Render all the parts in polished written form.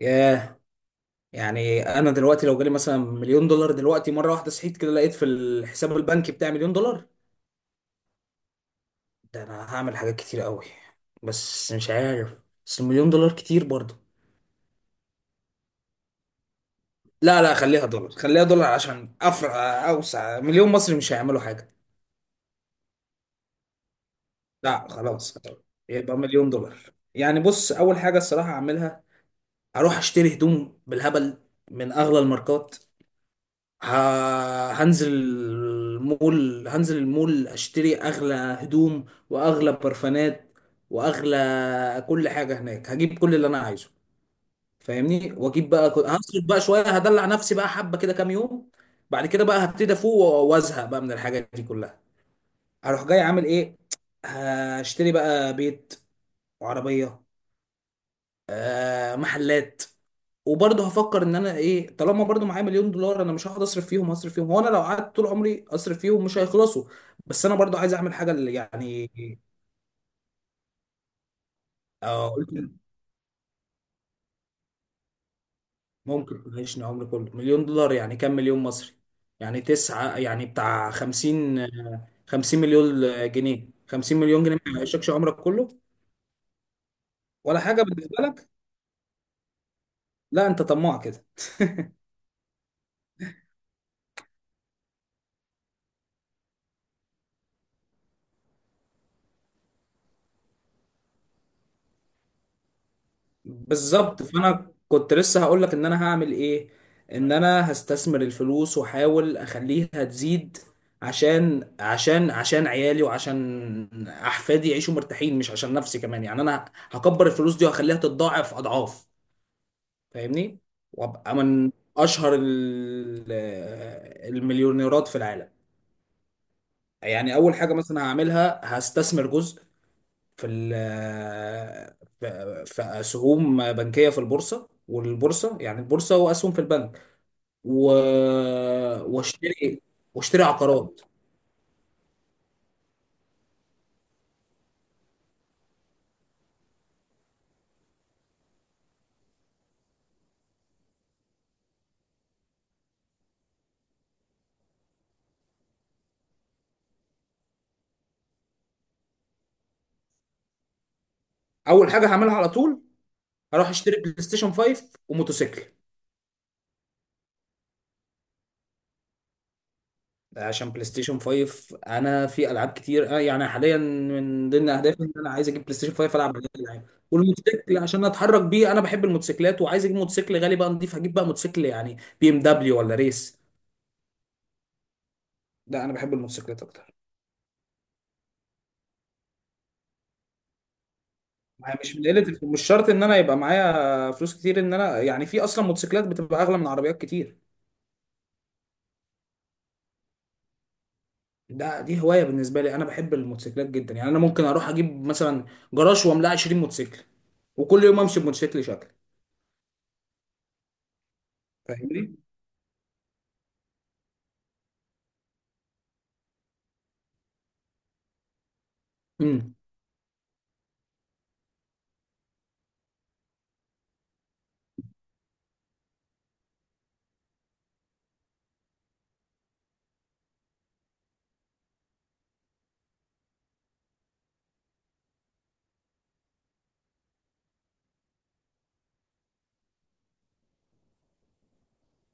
ياه. يعني انا دلوقتي لو جالي مثلا مليون دولار دلوقتي مره واحده صحيت كده لقيت في الحساب البنكي بتاعي مليون دولار. ده انا هعمل حاجات كتير قوي، بس مش عارف. بس مليون دولار كتير برضه. لا لا خليها دولار خليها دولار عشان افرع اوسع، مليون مصري مش هيعملوا حاجه. لا خلاص يبقى مليون دولار. يعني بص، اول حاجه الصراحه هعملها اروح اشتري هدوم بالهبل من اغلى الماركات. هنزل المول هنزل المول اشتري اغلى هدوم واغلى برفانات واغلى كل حاجه هناك، هجيب كل اللي انا عايزه. فاهمني؟ واجيب بقى، هصرف بقى شويه، هدلع نفسي بقى حبه كده كام يوم. بعد كده بقى هبتدي افوق وازهق بقى من الحاجات دي كلها. هروح جاي عامل ايه؟ هشتري بقى بيت وعربيه. آه، محلات. وبرضه هفكر ان انا ايه، طالما برضه معايا مليون دولار انا مش هقعد اصرف فيهم. هصرف فيهم، هو انا لو قعدت طول عمري اصرف فيهم مش هيخلصوا. بس انا برضه عايز اعمل حاجه اللي يعني. آه قلت. ممكن تعيشني عمري كله؟ مليون دولار يعني كام مليون مصري؟ يعني تسعة، يعني بتاع خمسين، آه، خمسين مليون جنيه. خمسين مليون جنيه ما يعيشكش عمرك كله؟ ولا حاجه بالنسبه لك. لا انت طماع كده. بالظبط، فانا كنت لسه هقول لك ان انا هعمل ايه. ان انا هستثمر الفلوس واحاول اخليها تزيد عشان عيالي وعشان احفادي يعيشوا مرتاحين، مش عشان نفسي كمان. يعني انا هكبر الفلوس دي وهخليها تتضاعف اضعاف. فاهمني؟ وابقى من اشهر المليونيرات في العالم. يعني اول حاجه مثلا هعملها هستثمر جزء في في اسهم بنكيه في البورصه، والبورصه يعني البورصه واسهم في البنك و... واشتري، واشتري عقارات. اول حاجه هعملها على طول هروح اشتري بلاي ستيشن 5 وموتوسيكل. عشان بلاي ستيشن 5، انا في العاب كتير، آه، يعني حاليا من ضمن اهدافي ان انا عايز اجيب بلاي ستيشن 5 العب عليه العاب. والموتوسيكل عشان اتحرك بيه، انا بحب الموتوسيكلات وعايز اجيب موتوسيكل غالي بقى نضيف. هجيب بقى موتوسيكل يعني بي ام دبليو ولا ريس. لا انا بحب الموتوسيكلات اكتر. ما هي مش من مش شرط ان انا يبقى معايا فلوس كتير، ان انا يعني في اصلا موتوسيكلات بتبقى اغلى من عربيات كتير. ده دي هوايه بالنسبه لي، انا بحب الموتوسيكلات جدا. يعني انا ممكن اروح اجيب مثلا جراج واملاه 20 موتوسيكل، وكل يوم امشي بموتوسيكل شكل. فاهمني؟ امم.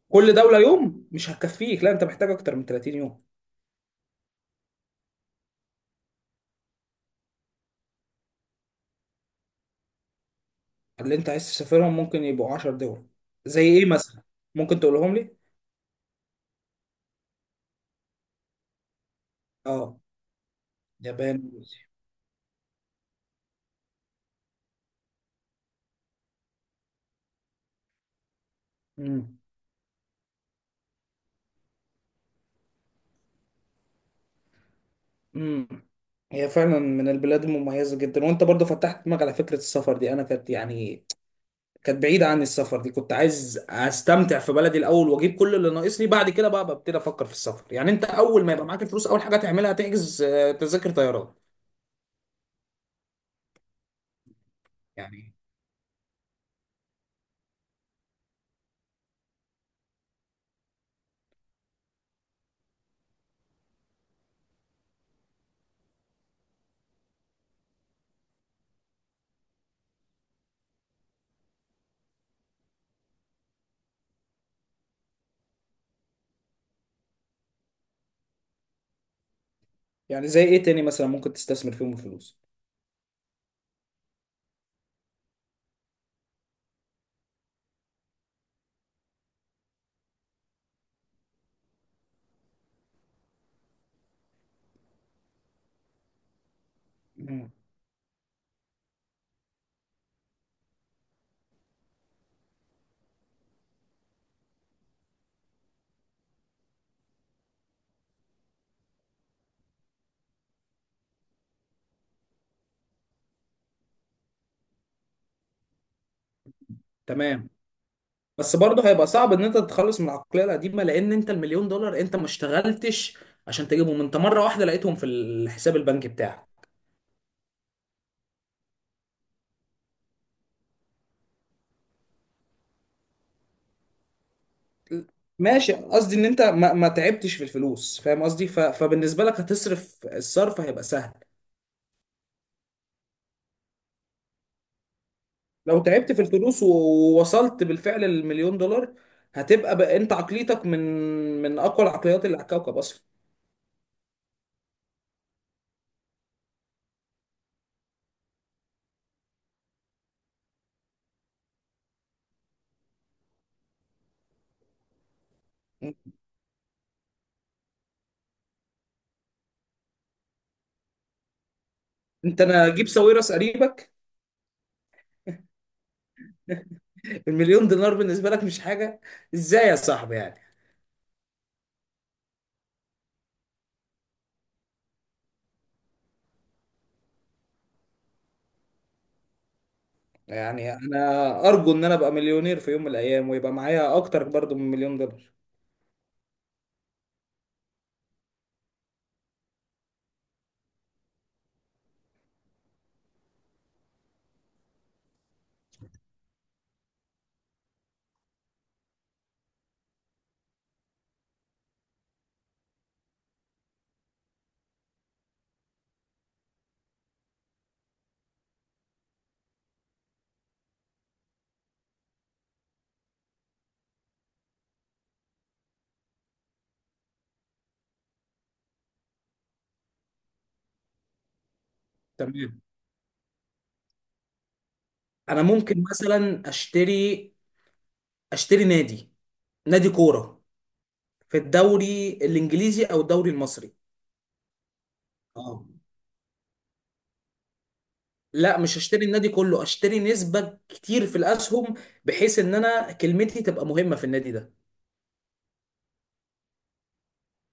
كل دوله يوم مش هتكفيك، لا انت محتاج اكتر من 30 يوم. اللي انت عايز تسافرهم ممكن يبقوا 10 دول. زي ايه مثلا؟ ممكن تقولهم لي. اه. يابان. امم. امم. هي فعلا من البلاد المميزة جدا، وانت برضو فتحت دماغي على فكرة السفر دي. انا كانت يعني كانت بعيدة عن السفر دي، كنت عايز استمتع في بلدي الاول واجيب كل اللي ناقصني، بعد كده بقى ببتدي افكر في السفر. يعني انت اول ما يبقى معاك الفلوس اول حاجة تعملها تحجز، آه، تذاكر طيران. يعني. يعني زي ايه تاني مثلا ممكن تستثمر فيهم الفلوس؟ مم. تمام. بس برضه هيبقى صعب ان انت تتخلص من العقلية القديمة، لان انت المليون دولار انت ما اشتغلتش عشان تجيبهم، انت مرة واحدة لقيتهم في الحساب البنكي بتاعك. ماشي، قصدي ان انت ما تعبتش في الفلوس، فاهم قصدي؟ فبالنسبه لك هتصرف، الصرف هيبقى سهل. لو تعبت في الفلوس ووصلت بالفعل للمليون دولار، هتبقى بقى انت عقليتك من اقوى العقليات اللي على الكوكب اصلا. انت انا اجيب ساويرس قريبك. المليون دينار بالنسبه لك مش حاجه. ازاي يا صاحبي يعني؟ يعني انا ارجو ان انا ابقى مليونير في يوم من الايام، ويبقى معايا اكتر برضو من مليون دولار. تمام. انا ممكن مثلا اشتري، اشتري نادي نادي كوره في الدوري الانجليزي او الدوري المصري. اه. لا مش هشتري النادي كله، اشتري نسبة كتير في الاسهم، بحيث ان انا كلمتي تبقى مهمة في النادي ده.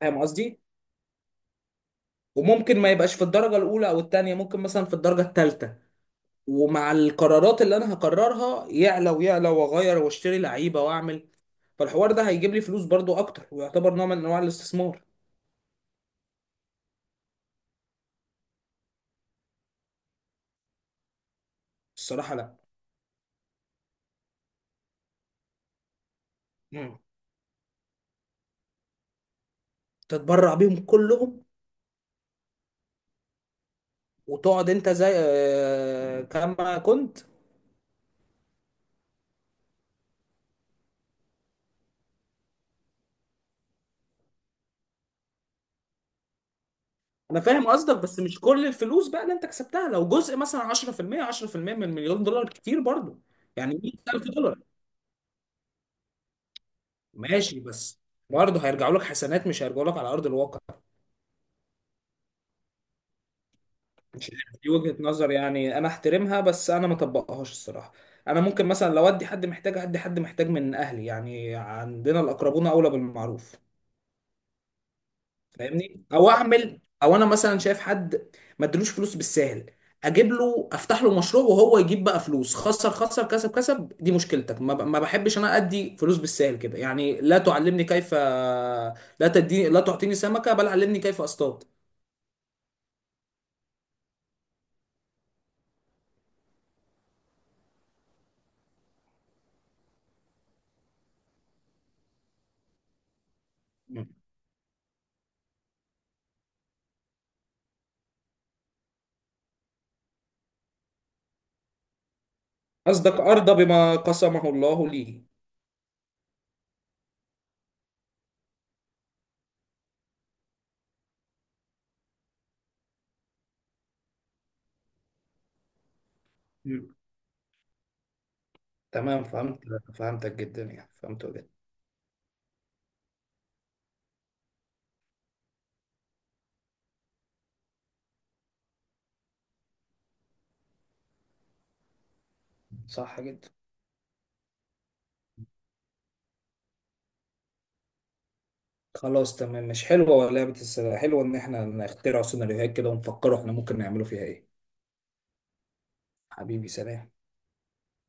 فاهم قصدي. وممكن ما يبقاش في الدرجة الاولى او التانية، ممكن مثلا في الدرجة التالتة، ومع القرارات اللي انا هقررها يعلى ويعلى، واغير واشتري لعيبة واعمل. فالحوار ده هيجيب لي فلوس برضو اكتر، ويعتبر نوع من انواع الاستثمار. الصراحة لا. مم. تتبرع بيهم كلهم؟ وتقعد انت زي، آه، كما كنت؟ انا فاهم قصدك، بس مش كل الفلوس بقى اللي انت كسبتها. لو جزء مثلا 10%، 10% من مليون دولار كتير برضو. يعني 100,000 دولار. ماشي، بس برضه هيرجعوا لك حسنات، مش هيرجعوا لك على ارض الواقع. مش عارف، دي وجهة نظر يعني انا احترمها، بس انا ما اطبقهاش الصراحة. انا ممكن مثلا لو ادي حد محتاج، ادي حد محتاج من اهلي، يعني عندنا الاقربون اولى بالمعروف. فاهمني؟ او اعمل، او انا مثلا شايف حد ما ادلوش فلوس بالساهل، اجيب له افتح له مشروع، وهو يجيب بقى فلوس، خسر خسر كسب كسب دي مشكلتك. ما بحبش انا ادي فلوس بالساهل كده، يعني لا تعلمني كيف، لا تديني، لا تعطيني سمكة بل علمني كيف اصطاد. مم. قصدك ارضى بما قسمه الله لي. مم. تمام فهمت. فهمتك جدا، يعني فهمته جدا. صح جدا. خلاص تمام، مش حلوة لعبة السلة؟ حلوة ان احنا نخترع سيناريوهات كده ونفكروا احنا ممكن نعمله فيها ايه. حبيبي سلام.